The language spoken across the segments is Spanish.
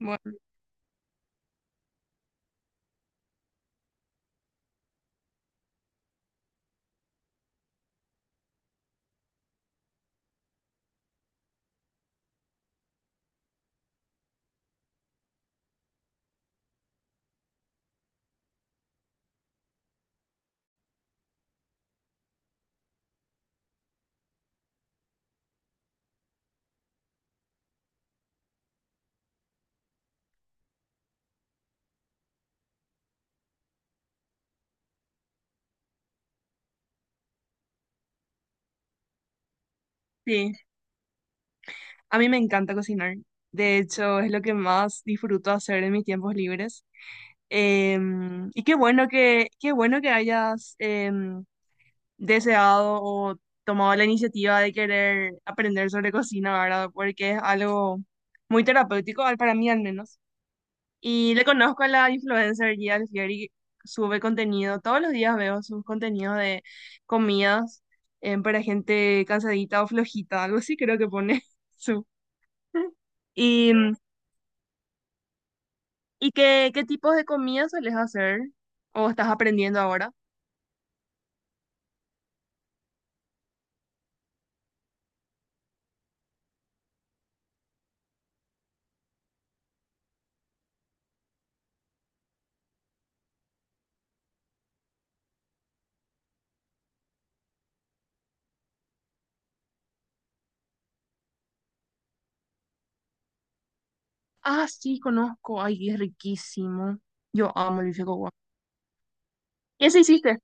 Bueno, sí, a mí me encanta cocinar. De hecho, es lo que más disfruto hacer en mis tiempos libres. Y qué bueno que hayas deseado o tomado la iniciativa de querer aprender sobre cocina, ¿verdad? Porque es algo muy terapéutico, para mí al menos. Y le conozco a la influencer Gia Alfieri, sube contenido, todos los días veo sus contenidos de comidas para gente cansadita o flojita, algo así creo que pone. ¿Y, y qué tipos de comida sueles hacer? ¿O estás aprendiendo ahora? Ah, sí, conozco. Ay, es riquísimo. Yo amo el bife con guac. ¿Y ese hiciste?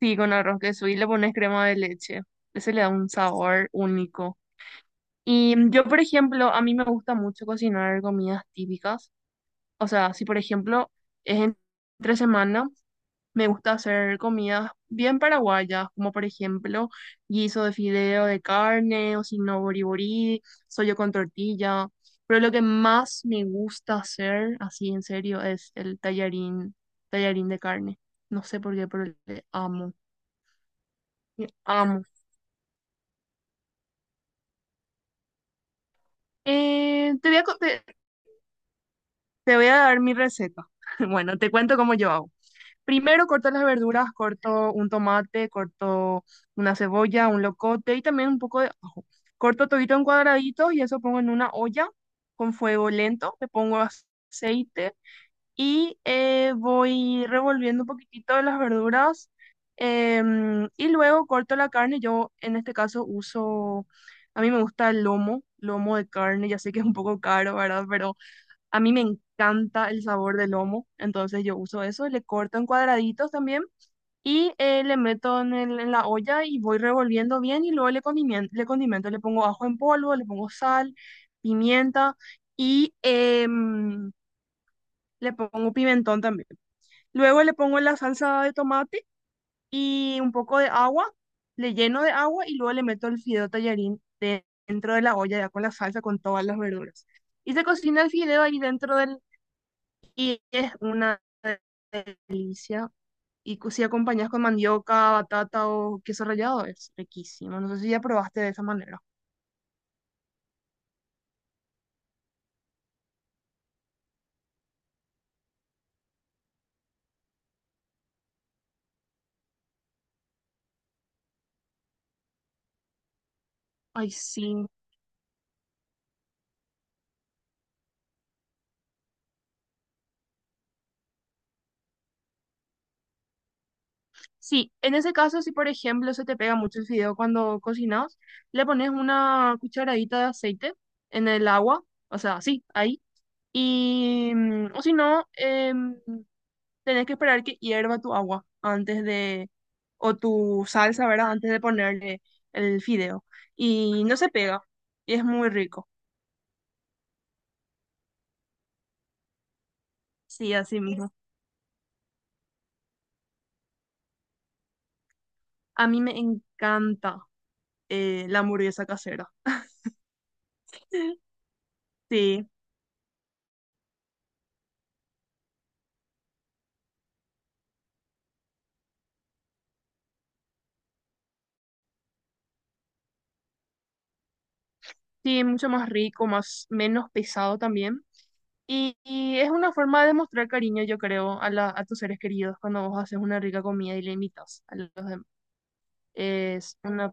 Sí, con arroz queso y le pones crema de leche. Ese le da un sabor único. Y yo, por ejemplo, a mí me gusta mucho cocinar comidas típicas. O sea, si por ejemplo es en- entre semana, me gusta hacer comidas bien paraguayas, como por ejemplo guiso de fideo de carne o si no boriborí, sollo con tortilla. Pero lo que más me gusta hacer, así en serio, es el tallarín, tallarín de carne. No sé por qué, pero le amo, le amo. Eh, te voy a, co- te te voy a dar mi receta. Bueno, te cuento cómo yo hago. Primero corto las verduras, corto un tomate, corto una cebolla, un locote y también un poco de ajo. Corto todito en cuadraditos y eso pongo en una olla con fuego lento. Le pongo aceite y voy revolviendo un poquitito de las verduras. Y luego corto la carne. Yo en este caso uso, a mí me gusta el lomo, lomo de carne. Ya sé que es un poco caro, ¿verdad? Pero a mí me encanta el sabor del lomo, entonces yo uso eso, le corto en cuadraditos también y le meto en la olla y voy revolviendo bien y luego le condimento, le pongo ajo en polvo, le pongo sal, pimienta y em, le pongo pimentón también. Luego le pongo la salsa de tomate y un poco de agua, le lleno de agua y luego le meto el fideo dentro de la olla ya con la salsa, con todas las verduras. Y se cocina el fideo ahí y es una delicia. Y si acompañas con mandioca, batata o queso rallado, es riquísimo. No sé si ya probaste de esa manera. Ay, sí. Sí, en ese caso, si por ejemplo se te pega mucho el fideo cuando cocinas, le pones una cucharadita de aceite en el agua, o sea, así, ahí. Y, mm, o si no, tenés que esperar que hierva tu agua antes de, o tu salsa, ¿verdad? Antes de ponerle el fideo. Y no se pega. Y es muy rico. Sí, así mismo. A mí me encanta la hamburguesa casera. Sí, sí, mucho más rico, más, menos pesado también. Y es una forma de mostrar cariño, yo creo, a tus seres queridos cuando vos haces una rica comida y le invitas a los demás. Es una...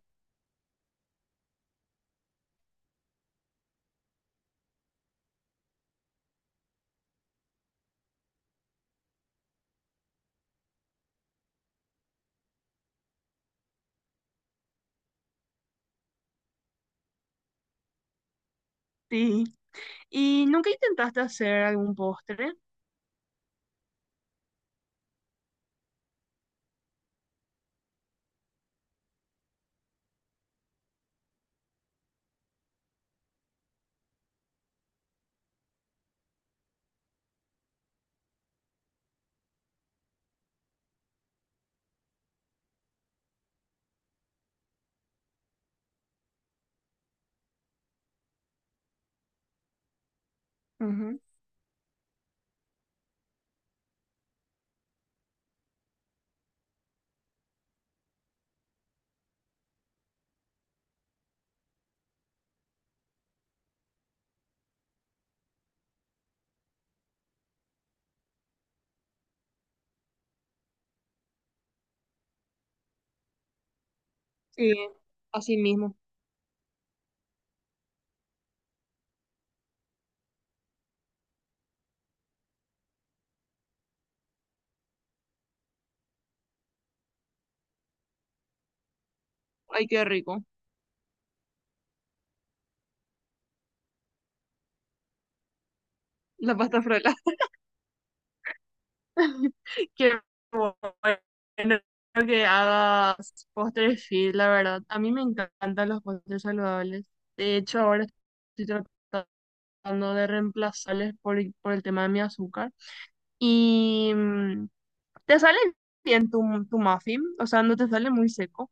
Sí. ¿Y nunca intentaste hacer algún postre? Ujú. Sí, así mismo. Ay, qué rico. La pasta frola. Qué bueno que hagas postres fit, la verdad. A mí me encantan los postres saludables. De hecho, ahora estoy tratando de reemplazarles por el tema de mi azúcar. Y mm, te sale bien tu, tu muffin, o sea, no te sale muy seco.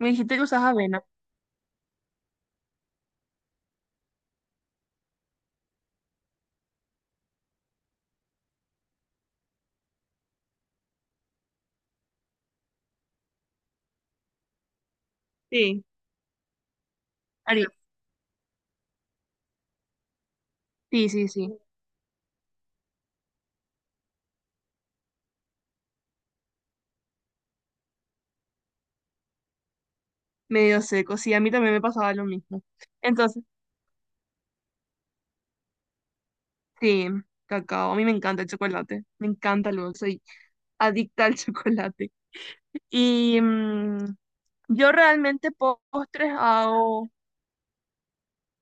Me dijiste que usas avena. Sí, Ari- sí, medio seco. Sí, a mí también me pasaba lo mismo. Sí, cacao. A mí me encanta el chocolate. Me encanta luego. Soy adicta al chocolate. Y mm, yo realmente postres hago.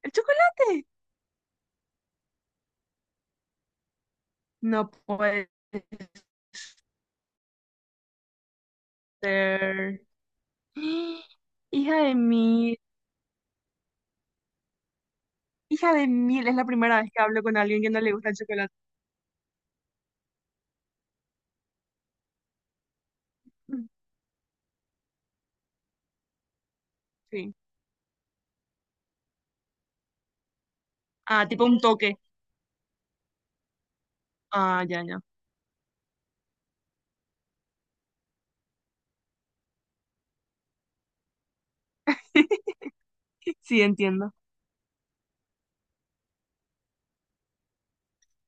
¿El chocolate? No puede ser. Hija de mil. Hija de mil. Es la primera vez que hablo con alguien que no le gusta el chocolate. Mm, sí. Ah, tipo un toque. Ah, ya, ya. Sí, entiendo.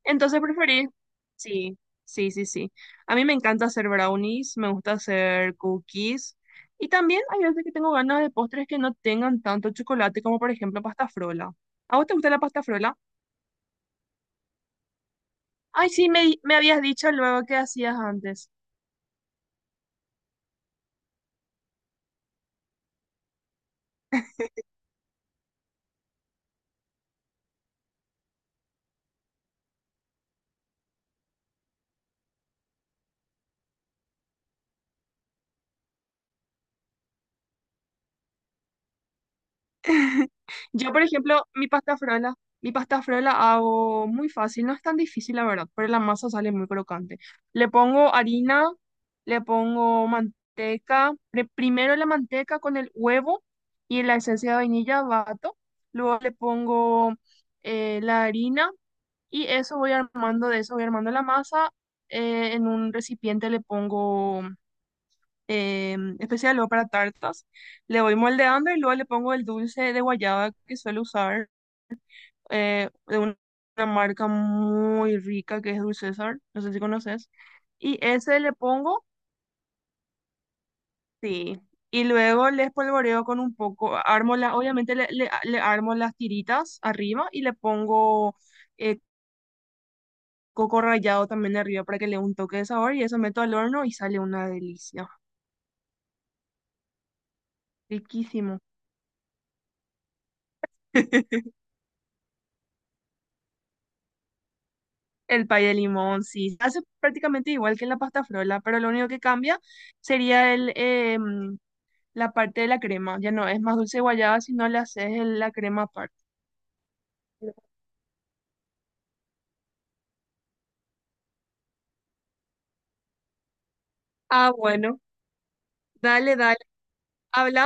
Entonces preferí. Sí, sí, sí, sí. A mí me encanta hacer brownies, me gusta hacer cookies. Y también hay veces que tengo ganas de postres que no tengan tanto chocolate, como por ejemplo pasta frola. ¿A vos te gusta la pasta frola? Ay, sí, me habías dicho luego que hacías antes. Yo, por ejemplo, mi pasta frola hago muy fácil, no es tan difícil, la verdad, pero la masa sale muy crocante. Le pongo harina, le pongo manteca, primero la manteca con el huevo y la esencia de vainilla bato, luego le pongo la harina y eso voy armando, de eso voy armando la masa. En un recipiente le pongo especial luego para tartas. Le voy moldeando y luego le pongo el dulce de guayaba que suelo usar eh, de una, una marca muy rica que es Dulce César, no sé si conoces. Y ese le pongo, sí. Y luego le espolvoreo con un poco, obviamente le armo las tiritas arriba y le pongo eh, coco rallado también arriba para que le dé un toque de sabor y eso meto al horno y sale una delicia. Riquísimo. El pay de limón, sí. Hace prácticamente igual que en la pasta frola, pero lo único que cambia sería la parte de la crema. Ya no es más dulce de guayaba, sino le haces la crema aparte. Ah, bueno, dale, dale. Hablamos.